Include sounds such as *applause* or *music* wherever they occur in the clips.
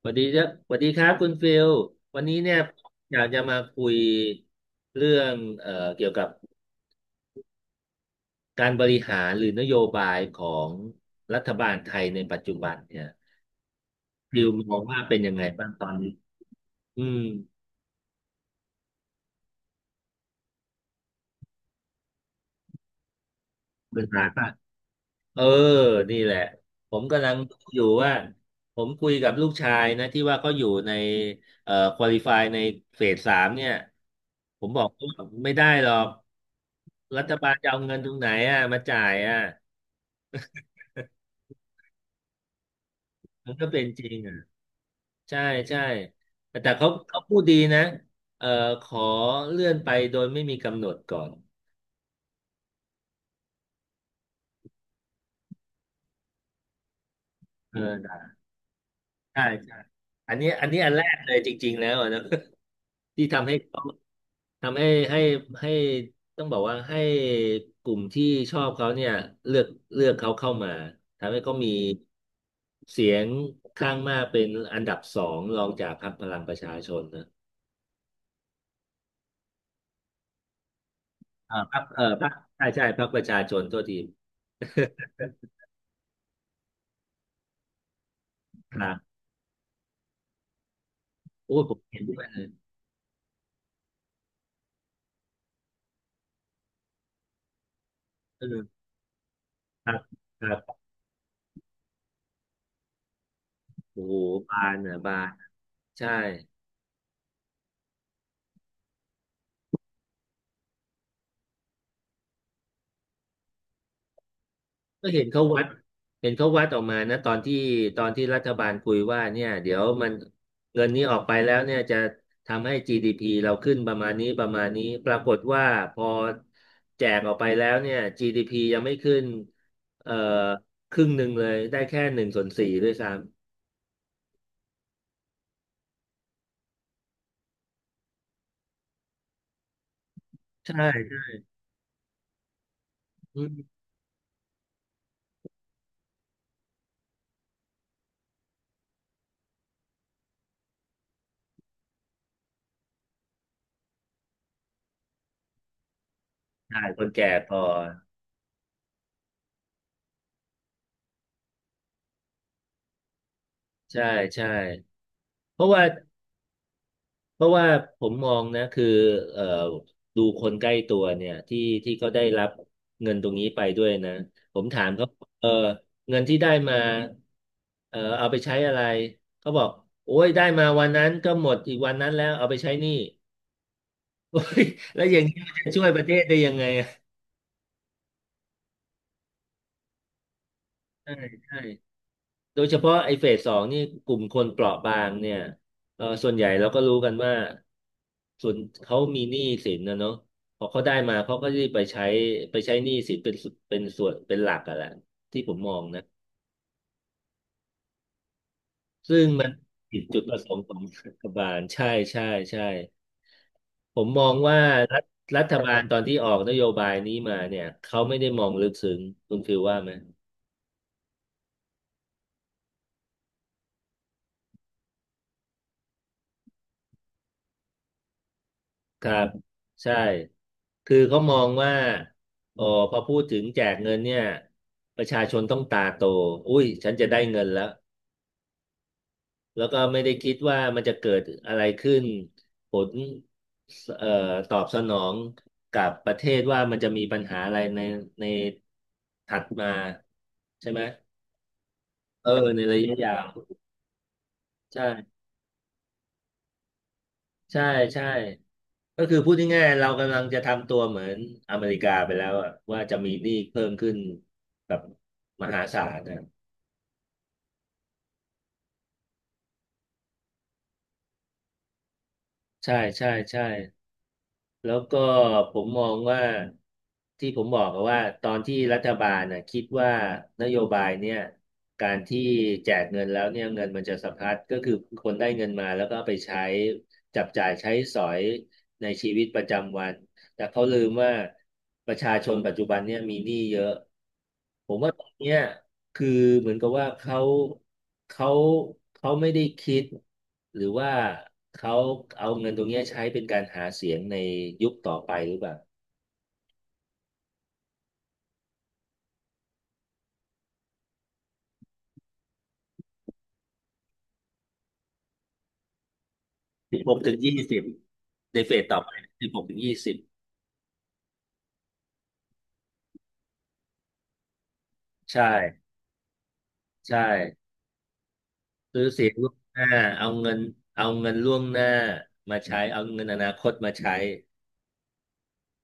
สวัสดีครับสวัสดีครับคุณฟิลวันนี้เนี่ยอยากจะมาคุยเรื่องเกี่ยวกับการบริหารหรือนโยบายของรัฐบาลไทยในปัจจุบันเนี่ยฟิลมองว่าเป็นยังไงบ้างตอนนี้อืมบริหารป่ะเออนี่แหละผมกำลังดูอยู่ว่าผมคุยกับลูกชายนะที่ว่าเขาอยู่ในควอลิฟายในเฟสสามเนี่ยผมบอกว่าไม่ได้หรอกรัฐบาลจะเอาเงินตรงไหนอ่ะมาจ่ายอ่ะ มันก็เป็นจริงอ่ะใช่ใช่แต่เขาพูดดีนะเอ่อขอเลื่อนไปโดยไม่มีกำหนดก่อนเออได้ใช่ใช่อันนี้อันนี้อันแรกเลยจริงๆแล้วอะนะ *laughs* ที่ทำให้เขาทำให้ให้ให้ต้องบอกว่าให้กลุ่มที่ชอบเขาเนี่ยเลือกเลือกเขาเข้ามาทำให้เขามีเสียงข้างมากเป็นอันดับสองรองจากพรรคพลังประชาชนนะอ่าพรรคเออพรรคใช่ใช่พรรคประชาชนโทษที *laughs* ครับ โอ้ยผมเห็นด้วยเลยเออครับครับโอ้โหบานอ่ะบานใช่ก็เห็นเขาวัดเห็นเขาวัดออกมานะตอนที่รัฐบาลคุยว่าเนี่ย เดี๋ยวมันเงินนี้ออกไปแล้วเนี่ย จะทำให้ GDP เราขึ้นประมาณนี้ประมาณนี้ ปรากฏว่าพอแจกออกไปแล้วเนี่ย GDP ยังไม่ขึ้นเอ่อครึ่งหนึ่งเลย ได้แค่หนึ่งส่วนสี่ด้วยซ้ำใช่ใช่อืมใช่คนแก่พอ ใช่ใช่เพราะว่า เพราะว่าผมมองนะคือเอ่อดูคนใกล้ตัวเนี่ยที่เขาได้รับเงินตรงนี้ไปด้วยนะผมถามเขาเออเงินที่ได้มาเออเอาไปใช้อะไรเขาบอกโอ้ยได้มาวันนั้นก็หมดอีกวันนั้นแล้วเอาไปใช้หนี้ *laughs* แล้วอย่างนี้มันจะช่วยประเทศได้ยังไงอะใช่ใช่ โดยเฉพาะไอ้เฟสสองนี่กลุ่มคนเปราะบางเนี่ยเออส่วนใหญ่เราก็รู้กันว่าส่วนเขามีหนี้สินนะเนาะพอเขาได้มาเขาก็จะไปใช้หนี้สินเป็นสุดเป็นส่วนเป็นหลักอะแหละที่ผมมองนะซึ่งมันผิดจุดประสงค์ของรัฐบาลใช่ใช่ใช่ผมมองว่ารัฐรัฐบาลตอนที่ออกนโยบายนี้มาเนี่ยเขาไม่ได้มองลึกซึ้งคุณฟิลว่าไหม ครับใช่คือเขามองว่าอ๋อพอพูดถึงแจกเงินเนี่ยประชาชนต้องตาโตอุ้ยฉันจะได้เงินแล้วแล้วก็ไม่ได้คิดว่ามันจะเกิดอะไรขึ้นผลเอ่อตอบสนองกับประเทศว่ามันจะมีปัญหาอะไรในถัดมาใช่ไหมเออในระยะยาวใช่ ใช่ใช่ก็คือพูดง่ายๆเรากำลังจะทำตัวเหมือนอเมริกาไปแล้วอะว่าจะมีหนี้เพิ่มขึ้นแบบมหาศาลนะใช่ใช่ใช่แล้วก็ผมมองว่าที่ผมบอกก็ว่าตอนที่รัฐบาลนะคิดว่านโยบายเนี่ยการที่แจกเงินแล้วเนี่ยเงินมันจะสะพัดก็คือคนได้เงินมาแล้วก็เอาไปใช้จับจ่ายใช้สอยในชีวิตประจำวัน แต่เขาลืมว่าประชาชนปัจจุบันเนี่ยมีหนี้เยอะ ผมว่าตรงเนี้ยคือเหมือนกับว่าเขาเขาไม่ได้คิดหรือว่าเขาเอาเงินตรงเนี้ยใช้เป็นการหาเสียงในยุคต่อไปหรือเปล่าสิบหกถึงยี่สิบในเฟสต่อไปสิบหกถึงยี่สิบใช่ใช่ซื้อเสียงล่วงหน้าเอาเงินล่วงหน้ามาใช้เอาเงินอนาคตมาใช้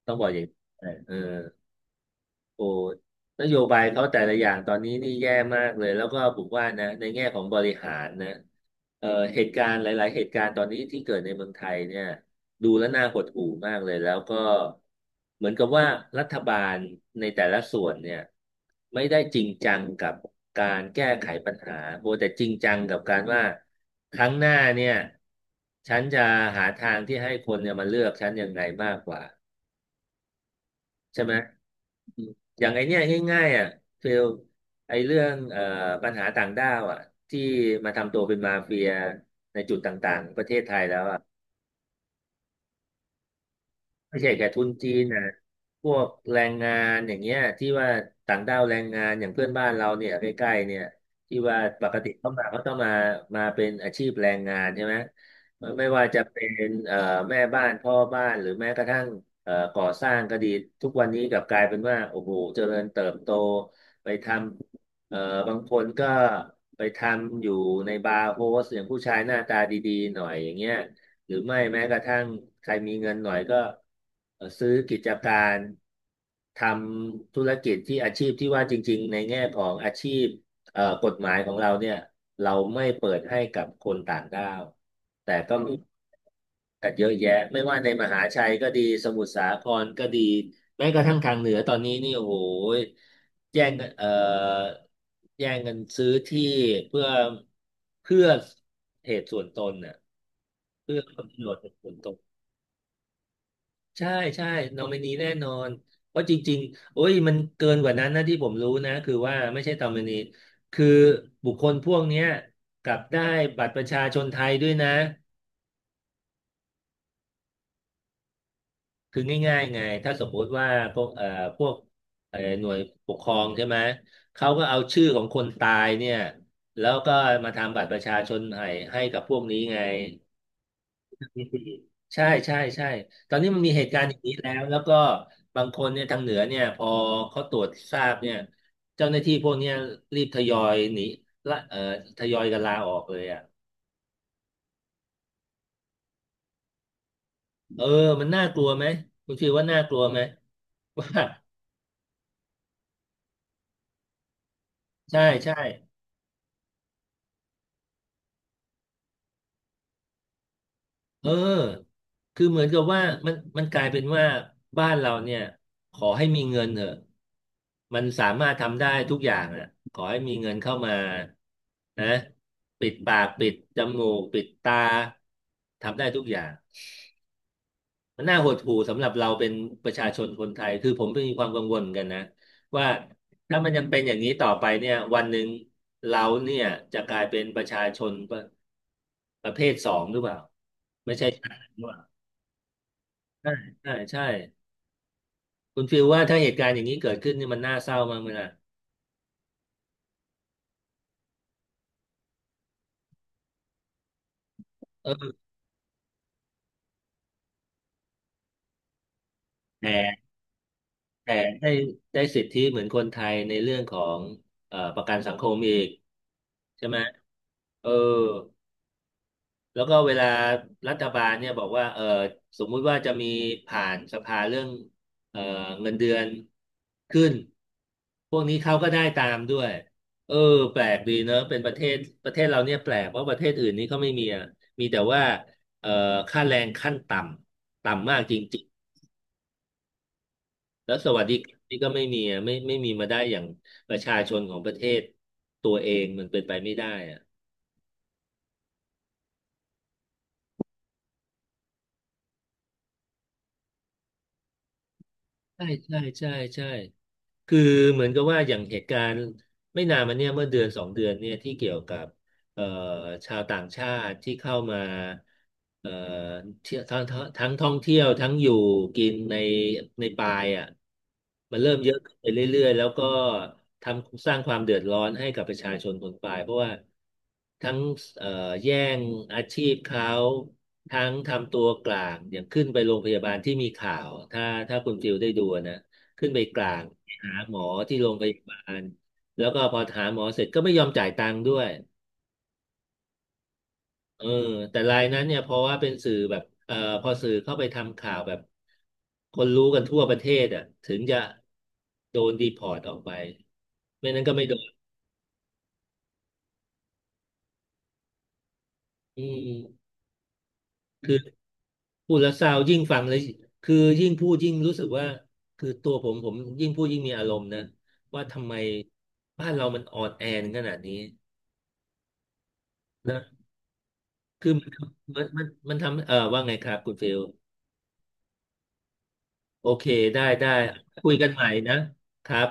ต้องบอกอย่างนี้เออ โอ้นโยบายเขาแต่ละอย่างตอนนี้นี่แย่มากเลยแล้วก็ผมว่านะในแง่ของบริหารนะเอ่อเหตุการณ์หลายๆเหตุการณ์ตอนนี้ที่เกิดในเมืองไทยเนี่ยดูแล้วน่าหดหู่มากเลยแล้วก็เหมือนกับว่ารัฐบาลในแต่ละส่วนเนี่ยไม่ได้จริงจังกับการแก้ไขปัญหาโบแต่จริงจังกับการว่าครั้งหน้าเนี่ยฉันจะหาทางที่ให้คนเนี่ยมาเลือกฉันยังไงมากกว่าใช่ไหม อย่างไอเนี้ยง่ายๆอ่ะ เฟลไอเรื่องปัญหาต่างด้าวอ่ะ ที่มาทำตัวเป็นมาเฟียในจุดต่างๆ ประเทศไทยแล้วอ่ะ ไม่ใช่แค่ทุนจีนนะพวกแรงงานอย่างเงี้ยที่ว่าต่างด้าวแรงงานอย่างเพื่อนบ้านเราเนี่ยใกล้ๆเนี่ยที่ว่าปกติเข้ามาเขาต้องมาเป็นอาชีพแรงงานใช่ไหมไม่ว่าจะเป็นเอ่อแม่บ้านพ่อบ้านหรือแม้กระทั่งก่อสร้างก็ดีทุกวันนี้กลับกลายเป็นว่าโอ้โหเจริญเติบโตไปทำเอ่อบางคนก็ไปทำอยู่ในบาร์โฮสอย่างผู้ชายหน้าตาดีๆหน่อยอย่างเงี้ย หรือไม่แม้กระทั่งใครมีเงินหน่อยก็ซื้อกิจการทำธุรกิจที่อาชีพที่ว่าจริงๆในแง่ของอาชีพกฎหมายของเราเนี่ยเราไม่เปิดให้กับคนต่างด้าวแต่ก็มีกันเยอะแยะไม่ว่าในมหาชัยก็ดีสมุทรสาครก็ดีแม้กระทั่งทางเหนือตอนนี้นี่โอ้โหแย่งกันแย่งกันซื้อที่เพื่อเพื่อเหตุส่วนตนน่ะ เพื่อผลประโยชน์จากฝนตกใช่ใช่นอมินีแน่นอนเพราะจริงๆโอ้ยมันเกินกว่านั้นนะที่ผมรู้นะคือว่าไม่ใช่นอมินีคือบุคคลพวกเนี้ยกลับได้บัตรประชาชนไทยด้วยนะคือง่ายๆไงถ้าสมมติว่าพวกเอ่อพวกหน่วยปกครองใช่ไหมเขาก็เอาชื่อของคนตายเนี่ยแล้วก็มาทำบัตรประชาชนให้ให้กับพวกนี้ไง ใช่ใช่ใช่ตอนนี้มันมีเหตุการณ์อย่างนี้แล้วแล้วก็บางคนเนี่ยทางเหนือเนี่ยพอเขาตรวจทราบเนี่ยเจ้าหน้าที่พวกเนี้ยรีบทยอยหนีละทยอยกันลาออกเลยอ่ะเออมันน่ากลัวไหมคุณฟิลว่าน่ากลัวไหมว่าใช่ใช่ เออคือเหมือนกับว่ามันกลายเป็นว่าบ้านเราเนี่ยขอให้มีเงินเถอะมันสามารถทำได้ทุกอย่างอ่ะขอให้มีเงินเข้ามานะปิดปากปิดจมูกปิดตาทำได้ทุกอย่างมันน่าหดหู่สำหรับเราเป็นประชาชนคนไทยคือผมก็มีความกังวลเหมือนกันนะว่าถ้ามันยังเป็นอย่างนี้ต่อไปเนี่ยวันหนึ่งเราเนี่ยจะกลายเป็นประชาชนประเภทสองหรือเปล่าไม่ใช่ ใช่ใช่ใช่คุณฟิลว่าถ้าเหตุการณ์อย่างนี้เกิดขึ้นนี่มันน่าเศร้ามากเลยนะเออแต่แต่ได้ได้สิทธิเหมือนคนไทยในเรื่องของประกันสังคมอีกใช่ไหมเออ แล้วก็เวลารัฐบาลเนี่ยบอกว่าสมมุติว่าจะมีผ่านสภาเรื่องเออเงินเดือนขึ้น พวกนี้เขาก็ได้ตามด้วย เออแปลกดีเนอะเป็นประเทศประเทศเราเนี่ยแปลกเพราะประเทศอื่นนี่เขาไม่มีอะมีแต่ว่าเออค่าแรงขั้นต่ำ ต่ำมากจริงๆแล้วสวัสดิการนี่ก็ไม่มีอะไม่มีมาได้อย่างประชาชนของประเทศตัวเองมันเป็นไปไม่ได้อะใช่ใช่ใช่ใช่ คือเหมือนกับว่าอย่างเหตุการณ์ไม่นานมาเนี่ยเมื่อเดือนสองเดือนเนี่ยที่เกี่ยวกับเอ่อชาวต่างชาติที่เข้ามาเอ่อเที่ยวทั้งท่องเที่ยวทั้งอยู่กินในปายอ่ะมันเริ่มเยอะขึ้นไปเรื่อยๆแล้วก็ทำสร้างความเดือดร้อนให้กับประชาชนคนปายเพราะว่าทั้งเอ่อแย่งอาชีพเขาทั้งทำตัวกลางอย่างขึ้นไปโรงพยาบาลที่มีข่าวถ้าคุณฟิลได้ดูนะขึ้นไปกลาง หาหมอที่โรงพยาบาลแล้วก็พอหาหมอเสร็จก็ไม่ยอมจ่ายตังค์ด้วยเออแต่รายนั้นเนี่ยเพราะว่าเป็นสื่อแบบพอสื่อเข้าไปทำข่าวแบบคนรู้กันทั่วประเทศอ่ะถึงจะโดนดีพอร์ตออกไปไม่นั้นก็ไม่โดนอืมพูดแล้วเศร้ายิ่งฟังเลยคือยิ่งพูดยิ่งรู้สึกว่าคือตัวผมยิ่งพูดยิ่งมีอารมณ์นะว่าทำไมบ้านเรามันอ่อนแอถึงขนาดนี้นะคือมันทำเออว่าไงครับคุณฟิล โอเคได้ได้คุยกันใหม่นะครับ